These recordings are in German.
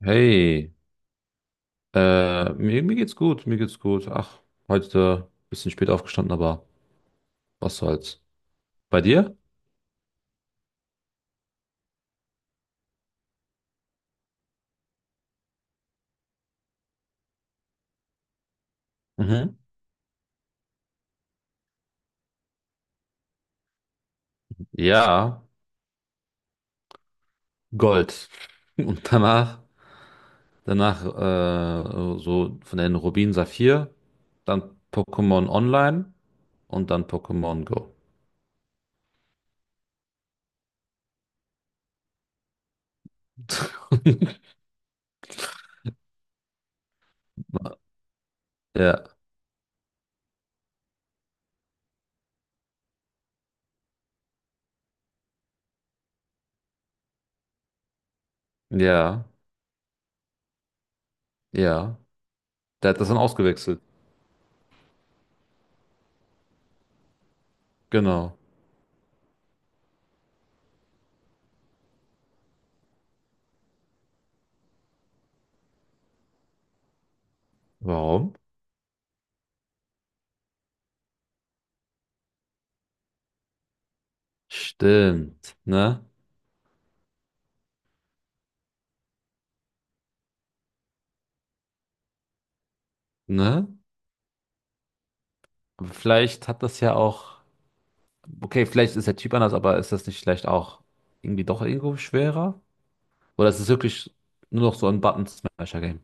Hey, mir geht's gut, mir geht's gut. Ach, heute ein bisschen spät aufgestanden, aber was soll's. Bei dir? Mhm. Ja, Gold. Und danach, danach so von den Rubin Saphir, dann Pokémon Online und dann Pokémon Go. Ja, ja, ja. Der hat das dann ausgewechselt. Genau. Warum? Stimmt, ne? Ne? Vielleicht hat das ja auch. Okay, vielleicht ist der Typ anders, aber ist das nicht vielleicht auch irgendwie doch irgendwo schwerer? Oder ist es wirklich nur noch so ein Button-Smasher-Game?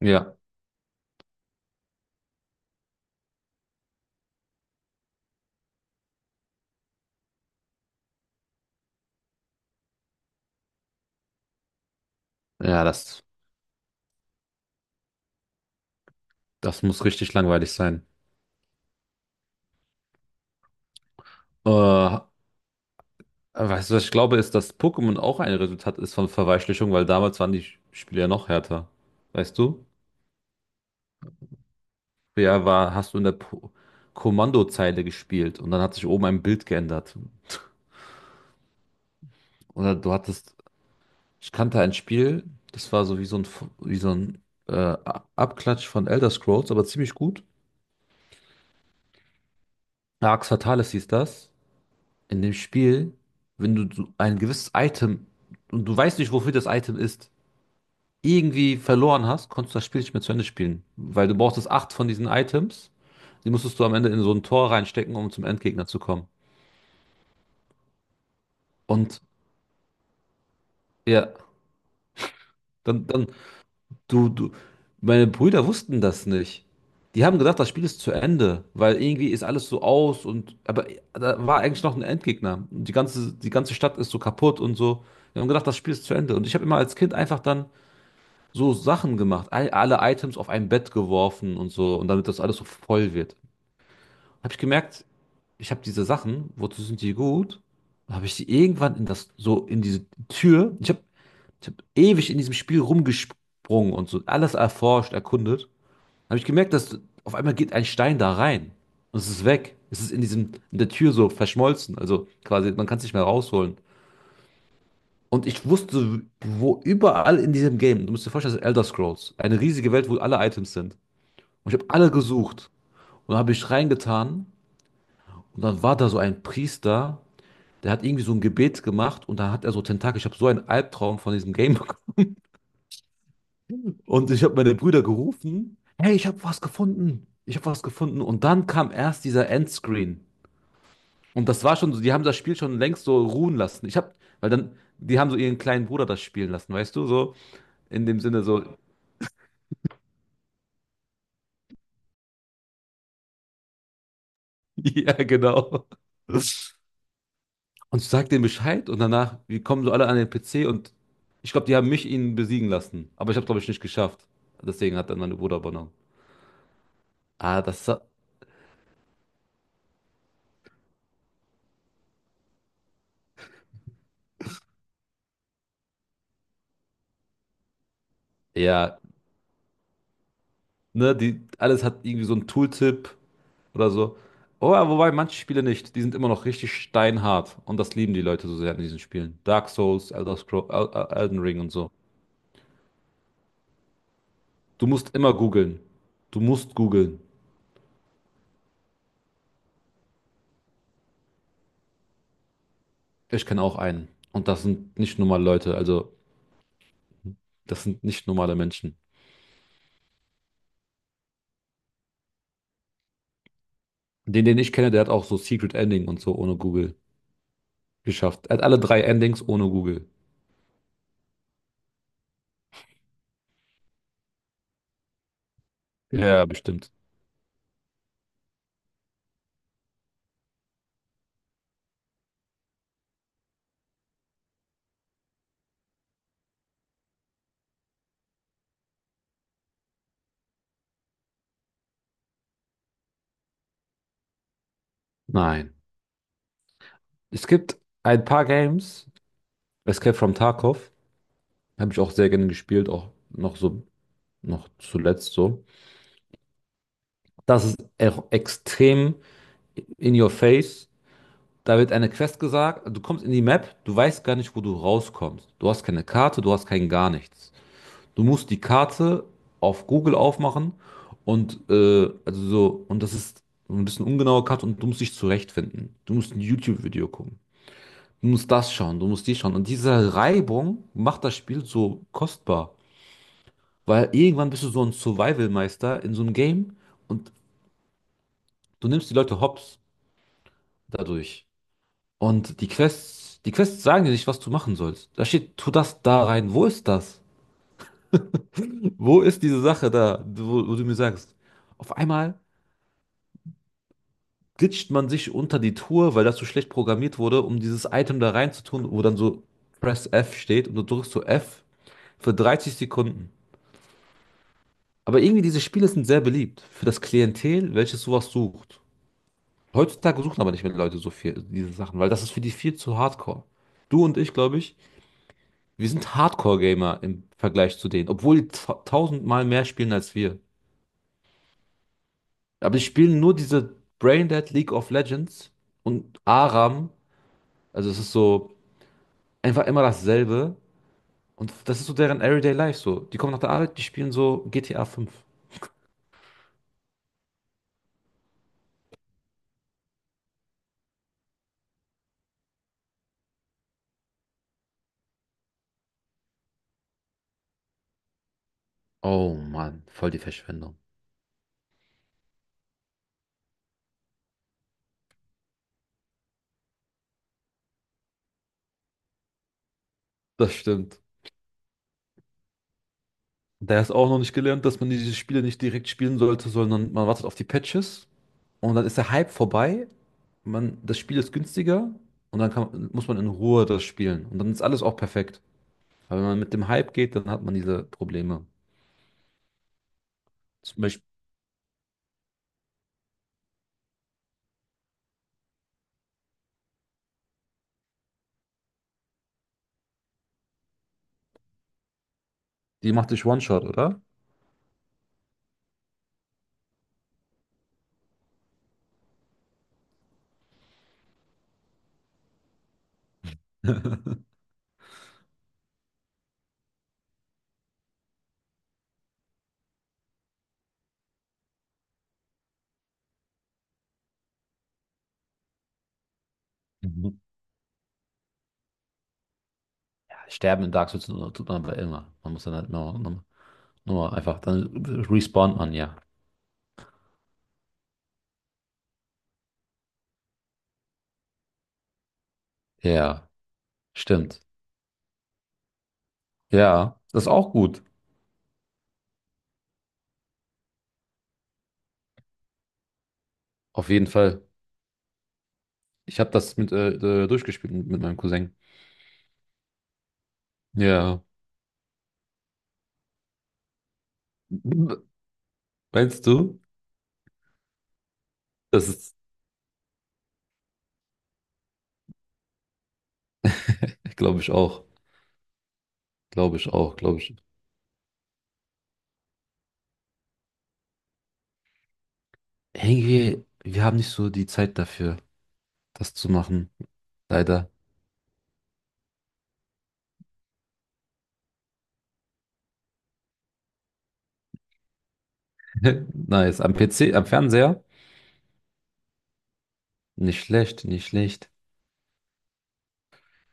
Ja, ja, das, das muss richtig langweilig sein. Äh, Weißt du, was ich glaube, ist, dass Pokémon auch ein Resultat ist von Verweichlichung, weil damals waren die Spiele ja noch härter. Weißt du? Ja, war, hast du in der po Kommandozeile gespielt und dann hat sich oben ein Bild geändert. Oder du hattest. Ich kannte ein Spiel, das war so wie so ein, wie so ein Abklatsch von Elder Scrolls, aber ziemlich gut. Arx Fatalis hieß das. In dem Spiel, wenn du so ein gewisses Item und du weißt nicht, wofür das Item ist, irgendwie verloren hast, konntest du das Spiel nicht mehr zu Ende spielen. Weil du brauchtest 8 von diesen Items. Die musstest du am Ende in so ein Tor reinstecken, um zum Endgegner zu kommen. Und ja, dann, Du, du, meine Brüder wussten das nicht. Die haben gedacht, das Spiel ist zu Ende, weil irgendwie ist alles so aus und, aber da war eigentlich noch ein Endgegner. Und die ganze Stadt ist so kaputt und so. Die haben gedacht, das Spiel ist zu Ende. Und ich habe immer als Kind einfach dann so Sachen gemacht, alle Items auf ein Bett geworfen und so, und damit das alles so voll wird. Habe ich gemerkt, ich habe diese Sachen, wozu sind die gut? Habe ich sie irgendwann in das, so in diese Tür. Ich habe ich hab ewig in diesem Spiel rumgesprungen und so alles erforscht, erkundet. Habe ich gemerkt, dass auf einmal geht ein Stein da rein und es ist weg. Es ist in diesem, in der Tür so verschmolzen. Also quasi, man kann es nicht mehr rausholen. Und ich wusste, wo überall in diesem Game, du musst dir vorstellen, das ist Elder Scrolls, eine riesige Welt, wo alle Items sind. Und ich habe alle gesucht und dann habe ich reingetan und dann war da so ein Priester, der hat irgendwie so ein Gebet gemacht und dann hat er so Tentakel. Ich habe so einen Albtraum von diesem Game bekommen. Und ich habe meine Brüder gerufen, hey, ich habe was gefunden. Ich habe was gefunden. Und dann kam erst dieser Endscreen. Und das war schon so, die haben das Spiel schon längst so ruhen lassen. Ich hab, weil dann, die haben so ihren kleinen Bruder das spielen lassen, weißt du, so in dem Sinne so, ja, genau. Und sag denen Bescheid und danach, wir kommen so alle an den PC und ich glaube, die haben mich ihnen besiegen lassen. Aber ich habe, glaube ich, nicht geschafft. Deswegen hat dann mein Bruder übernommen. Ah, das, hat- ja, ne, die, alles hat irgendwie so einen Tooltip oder so. Oh, ja, wobei manche Spiele nicht. Die sind immer noch richtig steinhart. Und das lieben die Leute so sehr in diesen Spielen. Dark Souls, Elder Scroll, Elden Ring und so. Du musst immer googeln. Du musst googeln. Ich kenne auch einen. Und das sind nicht normale Leute. Also, das sind nicht normale Menschen. Den, den ich kenne, der hat auch so Secret Ending und so ohne Google geschafft. Er hat alle 3 Endings ohne Google. Ja, bestimmt. Nein. Es gibt ein paar Games. Escape from Tarkov. Habe ich auch sehr gerne gespielt. Auch noch so, noch zuletzt so. Das ist extrem in your face. Da wird eine Quest gesagt, du kommst in die Map, du weißt gar nicht, wo du rauskommst. Du hast keine Karte, du hast kein gar nichts. Du musst die Karte auf Google aufmachen und also so, und das ist ein bisschen ungenaue Karte und du musst dich zurechtfinden. Du musst ein YouTube-Video gucken. Du musst das schauen, du musst die schauen. Und diese Reibung macht das Spiel so kostbar. Weil irgendwann bist du so ein Survival-Meister in so einem Game und du nimmst die Leute hops dadurch. Und die Quests sagen dir nicht, was du machen sollst. Da steht, tu das da rein. Wo ist das? Wo ist diese Sache da, wo, wo du mir sagst? Auf einmal glitscht man sich unter die Tour, weil das so schlecht programmiert wurde, um dieses Item da reinzutun, wo dann so Press F steht und du drückst so F für 30 Sekunden. Aber irgendwie diese Spiele sind sehr beliebt für das Klientel, welches sowas sucht. Heutzutage suchen aber nicht mehr Leute so viel diese Sachen, weil das ist für die viel zu hardcore. Du und ich, glaube ich, wir sind Hardcore-Gamer im Vergleich zu denen, obwohl die ta tausendmal mehr spielen als wir. Aber die spielen nur diese Braindead League of Legends und Aram. Also es ist so einfach immer dasselbe. Und das ist so deren Everyday Life so. Die kommen nach der Arbeit, die spielen so GTA 5. Oh Mann, voll die Verschwendung. Das stimmt. Der ist auch noch nicht gelernt, dass man diese Spiele nicht direkt spielen sollte, sondern man wartet auf die Patches und dann ist der Hype vorbei, man, das Spiel ist günstiger und dann kann, muss man in Ruhe das spielen. Und dann ist alles auch perfekt. Aber wenn man mit dem Hype geht, dann hat man diese Probleme. Zum Beispiel, die macht dich One-Shot, oder? Mhm. Sterben in Dark Souls tut man aber immer. Man muss dann halt nur einfach, dann respawnt man, ja. Ja, stimmt. Ja, das ist auch gut. Auf jeden Fall. Ich habe das mit durchgespielt mit meinem Cousin. Ja. Meinst du? Das ist, glaube ich auch. Glaube ich auch, glaube ich. Irgendwie, wir haben nicht so die Zeit dafür, das zu machen. Leider. Nice. Am PC, am Fernseher? Nicht schlecht, nicht schlecht.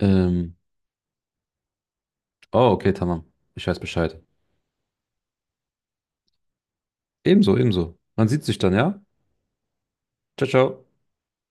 Ähm, oh, okay, tamam. Ich weiß Bescheid. Ebenso, ebenso. Man sieht sich dann, ja? Ciao, ciao.